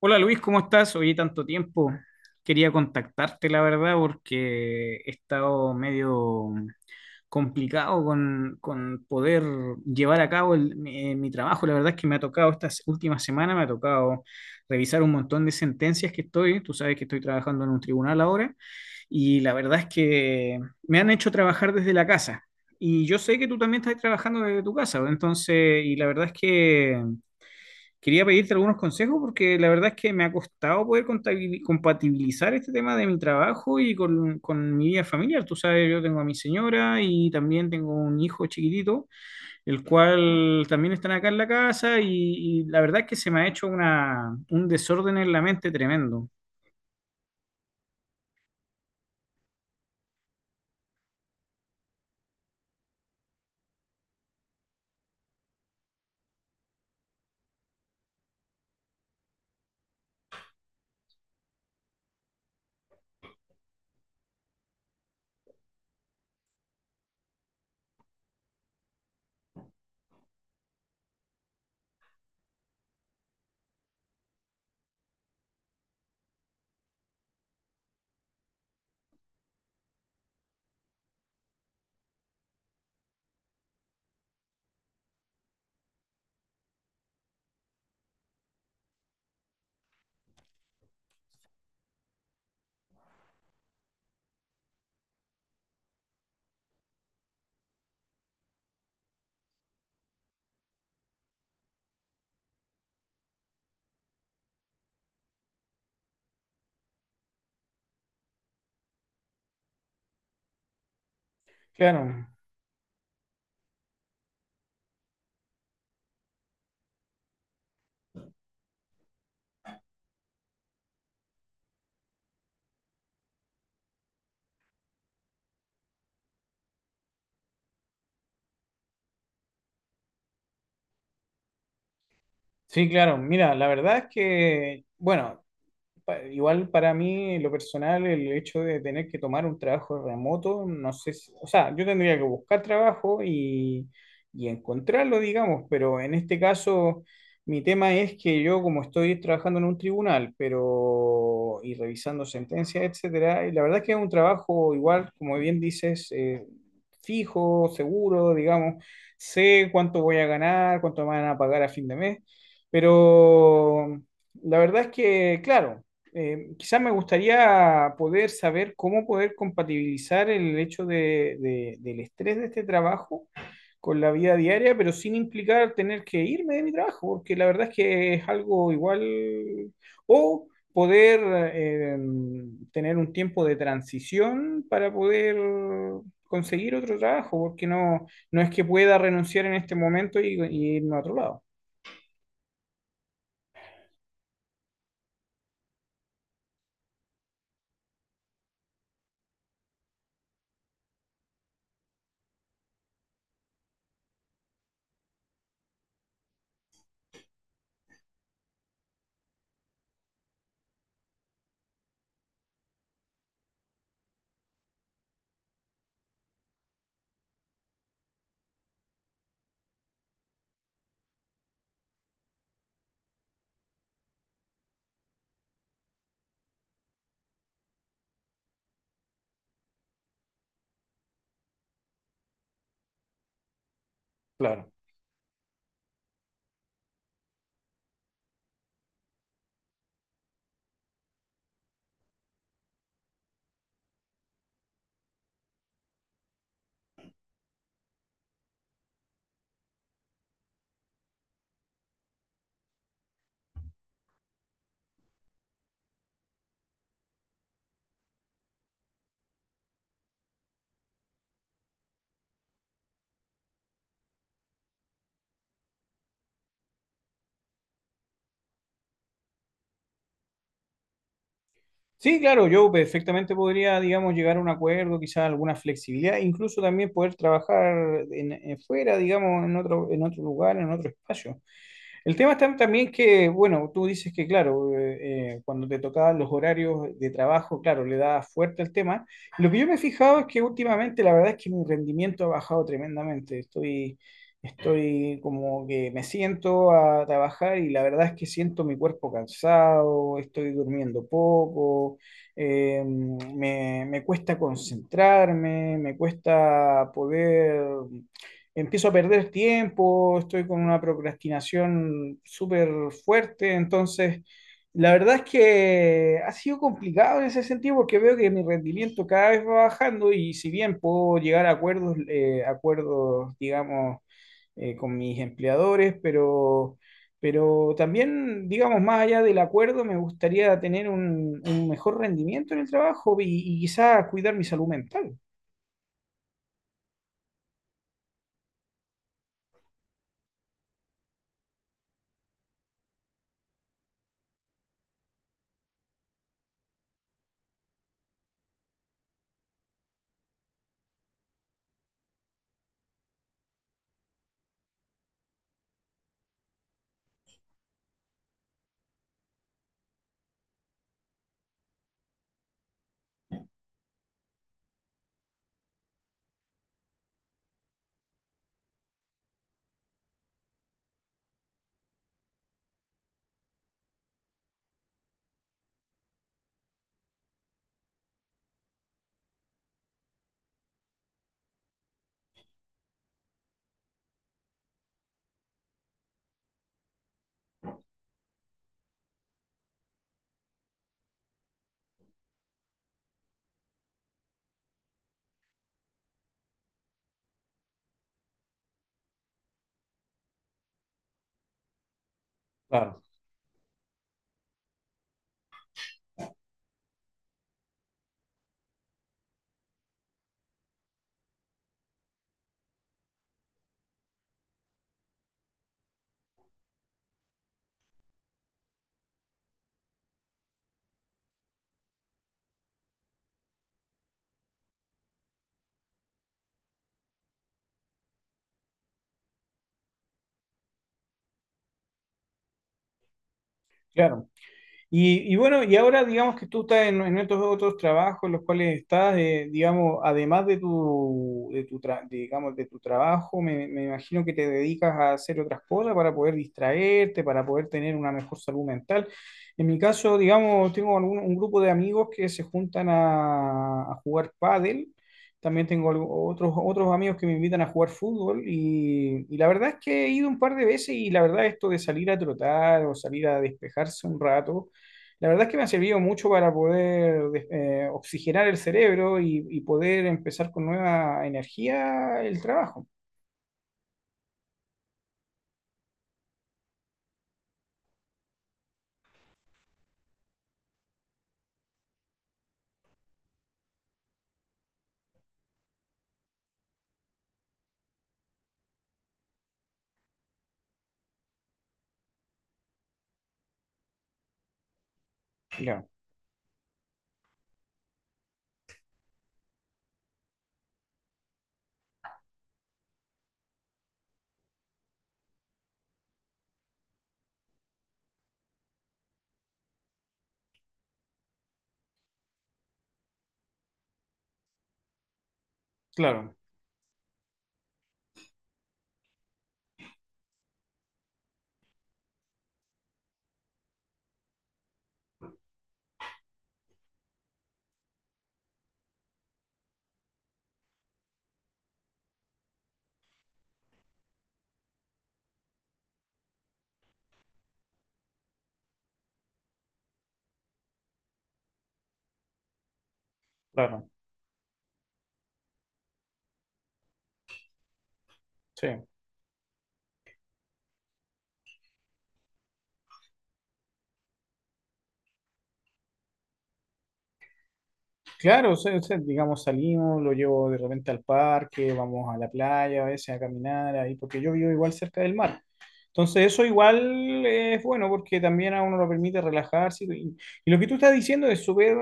Hola Luis, ¿cómo estás? Oye, tanto tiempo. Quería contactarte, la verdad, porque he estado medio complicado con poder llevar a cabo mi trabajo. La verdad es que me ha tocado, estas últimas semanas me ha tocado revisar un montón de sentencias que estoy. Tú sabes que estoy trabajando en un tribunal ahora y la verdad es que me han hecho trabajar desde la casa. Y yo sé que tú también estás trabajando desde tu casa, entonces, y la verdad es que quería pedirte algunos consejos porque la verdad es que me ha costado poder compatibilizar este tema de mi trabajo y con mi vida familiar. Tú sabes, yo tengo a mi señora y también tengo un hijo chiquitito, el cual también están acá en la casa y la verdad es que se me ha hecho un desorden en la mente tremendo. Claro, sí, claro. Mira, la verdad es que, bueno, igual para mí, en lo personal, el hecho de tener que tomar un trabajo remoto, no sé si- o sea, yo tendría que buscar trabajo y encontrarlo, digamos, pero en este caso, mi tema es que yo, como estoy trabajando en un tribunal, pero, y revisando sentencias, etcétera, y la verdad es que es un trabajo igual, como bien dices, fijo, seguro, digamos, sé cuánto voy a ganar, cuánto me van a pagar a fin de mes, pero... La verdad es que, claro, quizás me gustaría poder saber cómo poder compatibilizar el hecho del estrés de este trabajo con la vida diaria, pero sin implicar tener que irme de mi trabajo, porque la verdad es que es algo igual, o poder eh, tener un tiempo de transición para poder conseguir otro trabajo, porque no es que pueda renunciar en este momento y irme a otro lado. Claro. Sí, claro, yo perfectamente podría, digamos, llegar a un acuerdo, quizás alguna flexibilidad, incluso también poder trabajar en fuera, digamos, en otro lugar, en otro espacio. El tema está también que, bueno, tú dices que, claro, cuando te tocaban los horarios de trabajo, claro, le da fuerte al tema. Lo que yo me he fijado es que últimamente la verdad es que mi rendimiento ha bajado tremendamente. Estoy como que me siento a trabajar y la verdad es que siento mi cuerpo cansado, estoy durmiendo poco, me cuesta concentrarme, me cuesta poder empiezo a perder tiempo, estoy con una procrastinación súper fuerte, entonces la verdad es que ha sido complicado en ese sentido porque veo que mi rendimiento cada vez va bajando y si bien puedo llegar a acuerdos, acuerdos, digamos, con mis empleadores, pero... Pero también, digamos, más allá del acuerdo, me gustaría tener un mejor rendimiento en el trabajo y quizás cuidar mi salud mental. Claro. Claro. Y bueno, y ahora digamos que tú estás en estos otros trabajos en los cuales estás, digamos, además de digamos, de tu trabajo, me imagino que te dedicas a hacer otras cosas para poder distraerte, para poder tener una mejor salud mental. En mi caso, digamos, tengo un grupo de amigos que se juntan a jugar pádel. También tengo otros amigos que me invitan a jugar fútbol y la verdad es que he ido un par de veces y la verdad esto de salir a trotar o salir a despejarse un rato la verdad es que me ha servido mucho para poder oxigenar el cerebro y poder empezar con nueva energía el trabajo. Ya, claro, claro, sí. Claro, digamos, salimos, lo llevo de repente al parque, vamos a la playa, a veces a caminar ahí, porque yo vivo igual cerca del mar. Entonces eso igual es bueno porque también a uno lo permite relajarse. Y lo que tú estás diciendo es súper,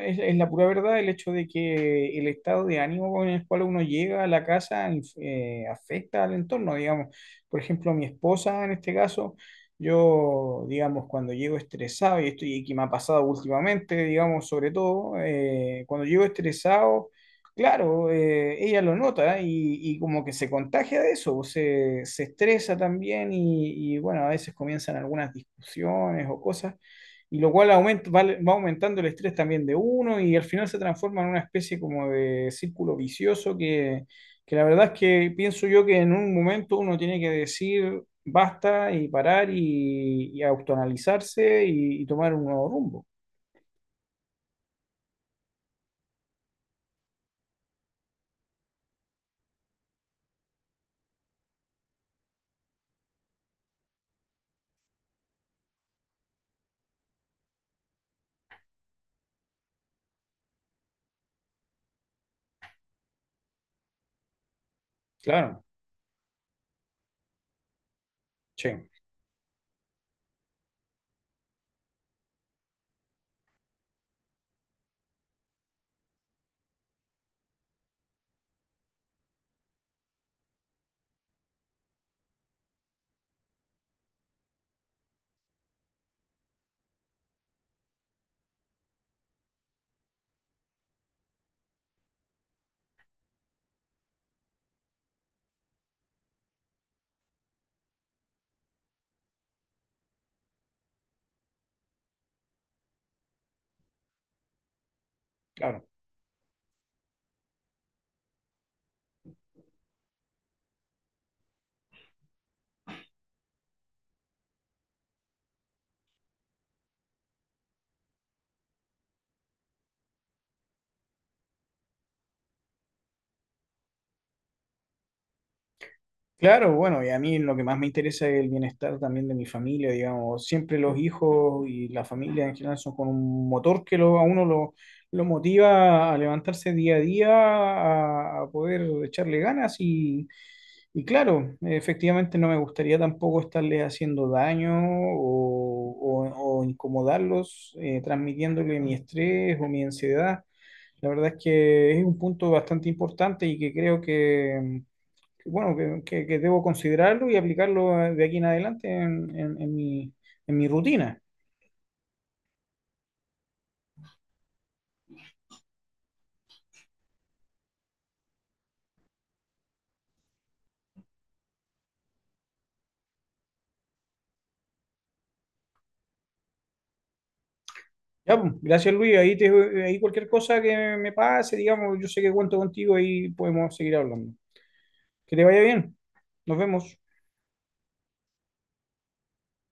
es la pura verdad, el hecho de que el estado de ánimo con el cual uno llega a la casa afecta al entorno, digamos. Por ejemplo, mi esposa en este caso, yo, digamos, cuando llego estresado, y esto y que me ha pasado últimamente, digamos, sobre todo, cuando llego estresado. Claro, ella lo nota y como que se contagia de eso, pues, se estresa también y, bueno, a veces comienzan algunas discusiones o cosas, y lo cual aumenta, va aumentando el estrés también de uno y al final se transforma en una especie como de círculo vicioso que la verdad es que pienso yo que en un momento uno tiene que decir basta y parar y autoanalizarse y tomar un nuevo rumbo. Claro, sí, claro. Claro, bueno, y a mí lo que más me interesa es el bienestar también de mi familia, digamos, siempre los hijos y la familia en general son con un motor que lo motiva a levantarse día a día, a poder echarle ganas y claro, efectivamente no me gustaría tampoco estarle haciendo daño o incomodarlos, transmitiéndole mi estrés o mi ansiedad. La verdad es que es un punto bastante importante y que creo que bueno, que debo considerarlo y aplicarlo de aquí en adelante en mi rutina. Ya, pues, gracias Luis, ahí cualquier cosa que me pase, digamos, yo sé que cuento contigo y podemos seguir hablando. Que te vaya bien, nos vemos.